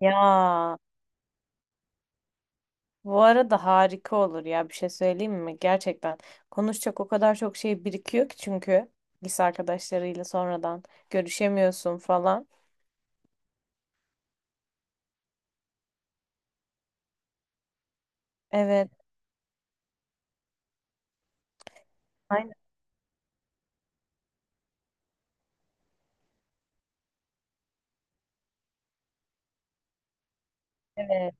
Ya, bu arada harika olur ya, bir şey söyleyeyim mi? Gerçekten konuşacak o kadar çok şey birikiyor ki, çünkü lise arkadaşlarıyla sonradan görüşemiyorsun falan. Evet. Aynen, evet.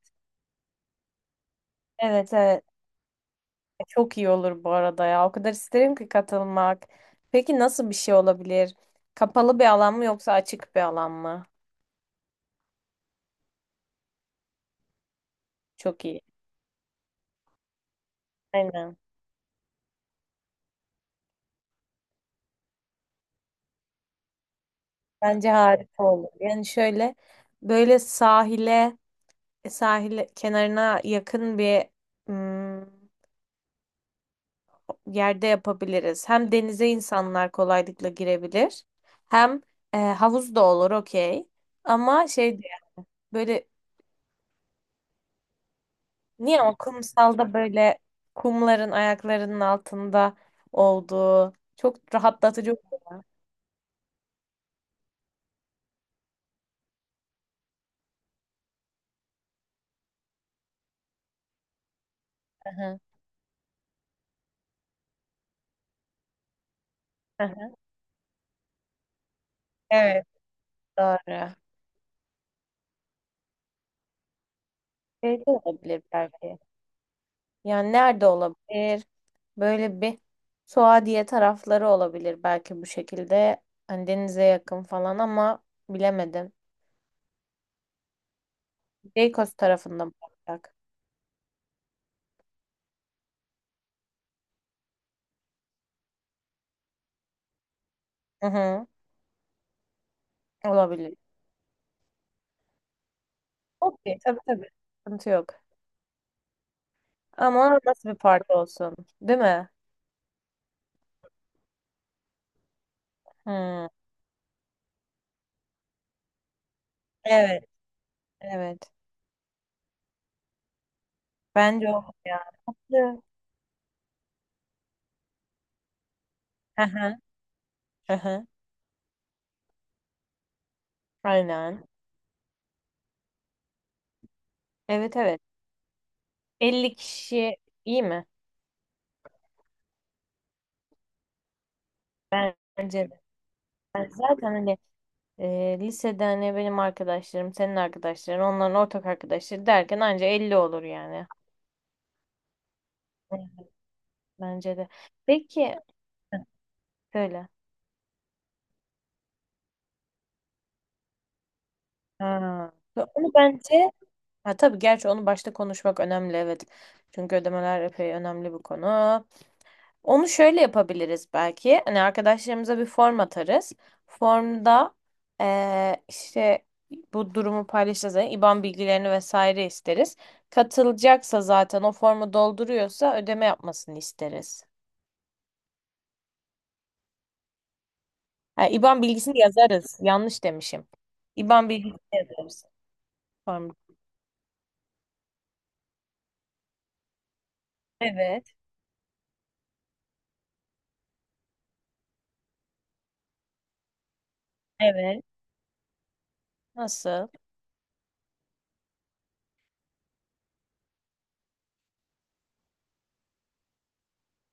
Evet, evet. Çok iyi olur bu arada ya. O kadar isterim ki katılmak. Peki nasıl bir şey olabilir? Kapalı bir alan mı yoksa açık bir alan mı? Çok iyi. Aynen. Bence harika olur. Yani şöyle, böyle sahil kenarına yakın bir mm, yerde yapabiliriz. Hem denize insanlar kolaylıkla girebilir. Hem havuz da olur, okey. Ama şey diye, böyle niye o kumsalda böyle kumların ayaklarının altında olduğu çok rahatlatıcı. Hı hı, hı hı. Evet, doğru. Şey de olabilir belki. Yani nerede olabilir? Böyle bir Suadiye tarafları olabilir belki bu şekilde. Hani denize yakın falan, ama bilemedim. Beykoz tarafında mı olacak? Hı hı, olabilir. Okey, tabii tabii. Sıkıntı yok. Ama nasıl bir parti olsun? Değil mi? Hı. Evet, evet. Bence o ya. Tatlı. Hı hı, hı hı. Aynen. Evet, evet. 50 kişi iyi mi? Bence de. Ben zaten hani, lisede hani benim arkadaşlarım, senin arkadaşların, onların ortak arkadaşları derken anca 50 olur yani. Evet, bence de. Peki söyle. Ha. Onu bence, ha, tabii, gerçi onu başta konuşmak önemli, evet. Çünkü ödemeler epey önemli bir konu. Onu şöyle yapabiliriz belki. Hani arkadaşlarımıza bir form atarız. Formda işte bu durumu paylaşacağız. Yani IBAN bilgilerini vesaire isteriz. Katılacaksa, zaten o formu dolduruyorsa, ödeme yapmasını isteriz. Ha, IBAN bilgisini yazarız. Yanlış demişim. IBAN bilgisini yazarız. Formda. Evet, evet. Nasıl?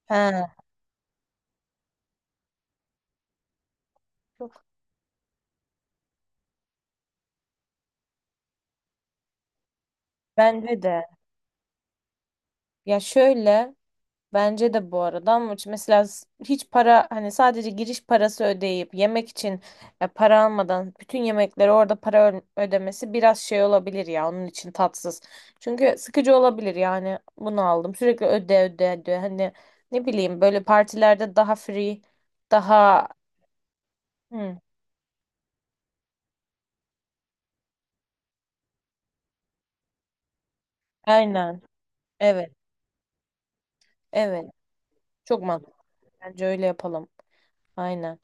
Ha, çok- bence de. Ya şöyle. Bence de bu arada, ama mesela hiç para, hani sadece giriş parası ödeyip yemek için para almadan bütün yemekleri orada para ödemesi biraz şey olabilir ya, onun için tatsız. Çünkü sıkıcı olabilir yani, bunu aldım sürekli öde öde öde, hani ne bileyim, böyle partilerde daha free daha. Hı, aynen, evet, evet, çok mantıklı, bence öyle yapalım. Aynen.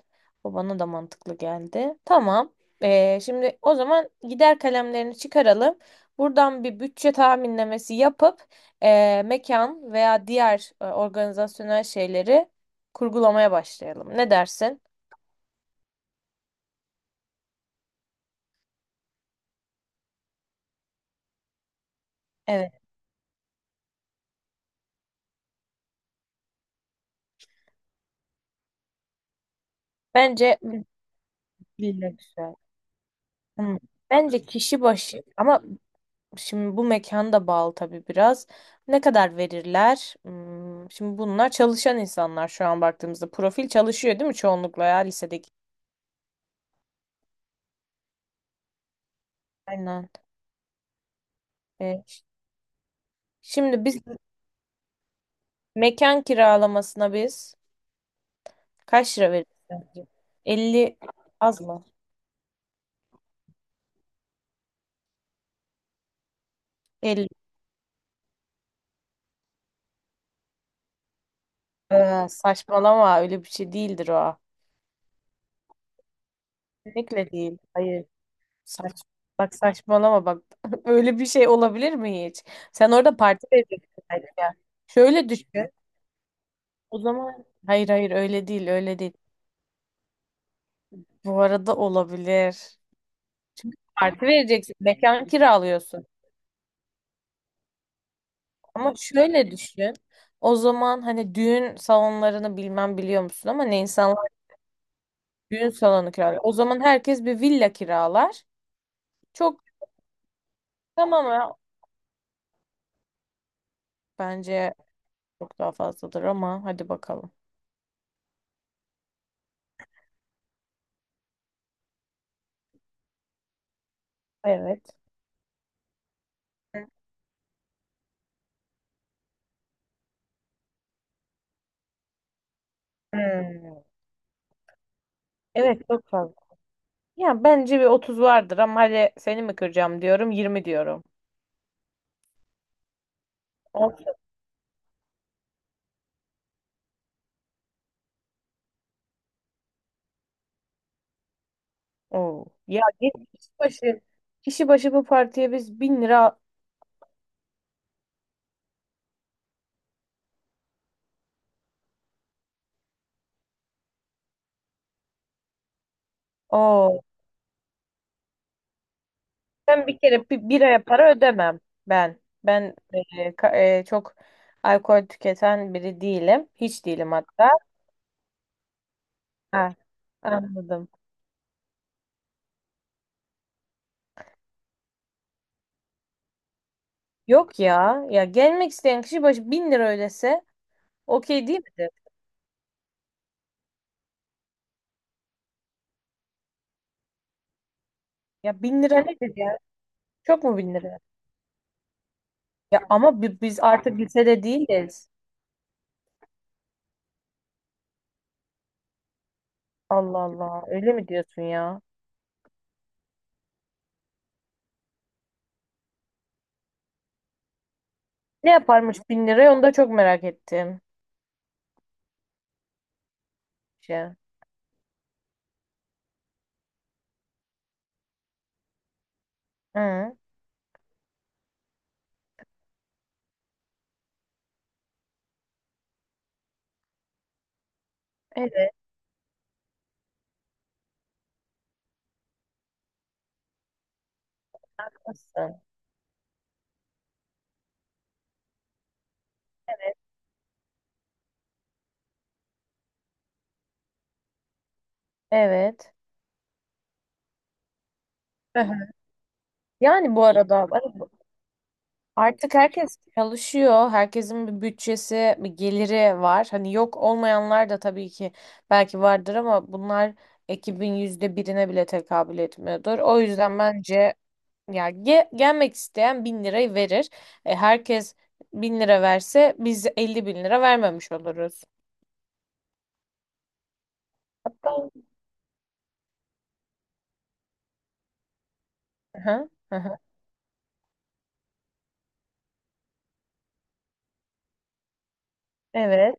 O bana da mantıklı geldi. Tamam. Şimdi o zaman gider kalemlerini çıkaralım. Buradan bir bütçe tahminlemesi yapıp, mekan veya diğer organizasyonel şeyleri kurgulamaya başlayalım. Ne dersin? Evet. Bence villa güzel. Hmm. Bence kişi başı, ama şimdi bu mekan da bağlı tabii biraz. Ne kadar verirler? Şimdi bunlar çalışan insanlar, şu an baktığımızda. Profil çalışıyor değil mi çoğunlukla, ya lisedeki? Aynen. E, ş- Şimdi biz mekan kiralamasına biz kaç lira veririz sence? 50 az mı? 50. Saçmalama, öyle bir şey değildir o. Kesinlikle değil. Hayır. Saç, Bak, saçmalama bak. Öyle bir şey olabilir mi hiç? Sen orada parti vereceksin belki ya. Şöyle düşün. O zaman hayır hayır, öyle değil öyle değil. Bu arada olabilir. Parti vereceksin. Mekan kiralıyorsun. Ama şöyle düşün. O zaman hani düğün salonlarını bilmem biliyor musun, ama ne insanlar düğün salonu kiralar. O zaman herkes bir villa kiralar. Çok, tamam ya. Bence çok daha fazladır, ama hadi bakalım. Evet. Hmm. Evet, çok fazla. Ya bence bir 30 vardır, ama hadi, seni mi kıracağım? Diyorum 20, diyorum. Olsun. Oo. Ya git, kişi başı bu partiye biz 1000 lira. Oo. Ben bir kere bir aya para ödemem ben. Ben çok alkol tüketen biri değilim. Hiç değilim hatta. Ha, anladım. Yok ya. Ya gelmek isteyen kişi başı 1000 lira ödese okey değil midir? Ya 1000 lira nedir ya? Çok mu 1000 lira? Ya ama biz artık lisede değiliz. Allah Allah. Öyle mi diyorsun ya? Ne yaparmış 1000 liraya, onu da çok merak ettim. Şey. Hı. Evet. Nasıl? Evet. Hı hı. Yani bu arada, artık herkes çalışıyor. Herkesin bir bütçesi, bir geliri var. Hani yok, olmayanlar da tabii ki belki vardır, ama bunlar ekibin %1'ine bile tekabül etmiyordur. O yüzden bence, ya gelmek isteyen 1000 lirayı verir. Herkes 1000 lira verse biz 50 bin lira vermemiş oluruz. Tamam. Hı hı. Hı hı. Evet.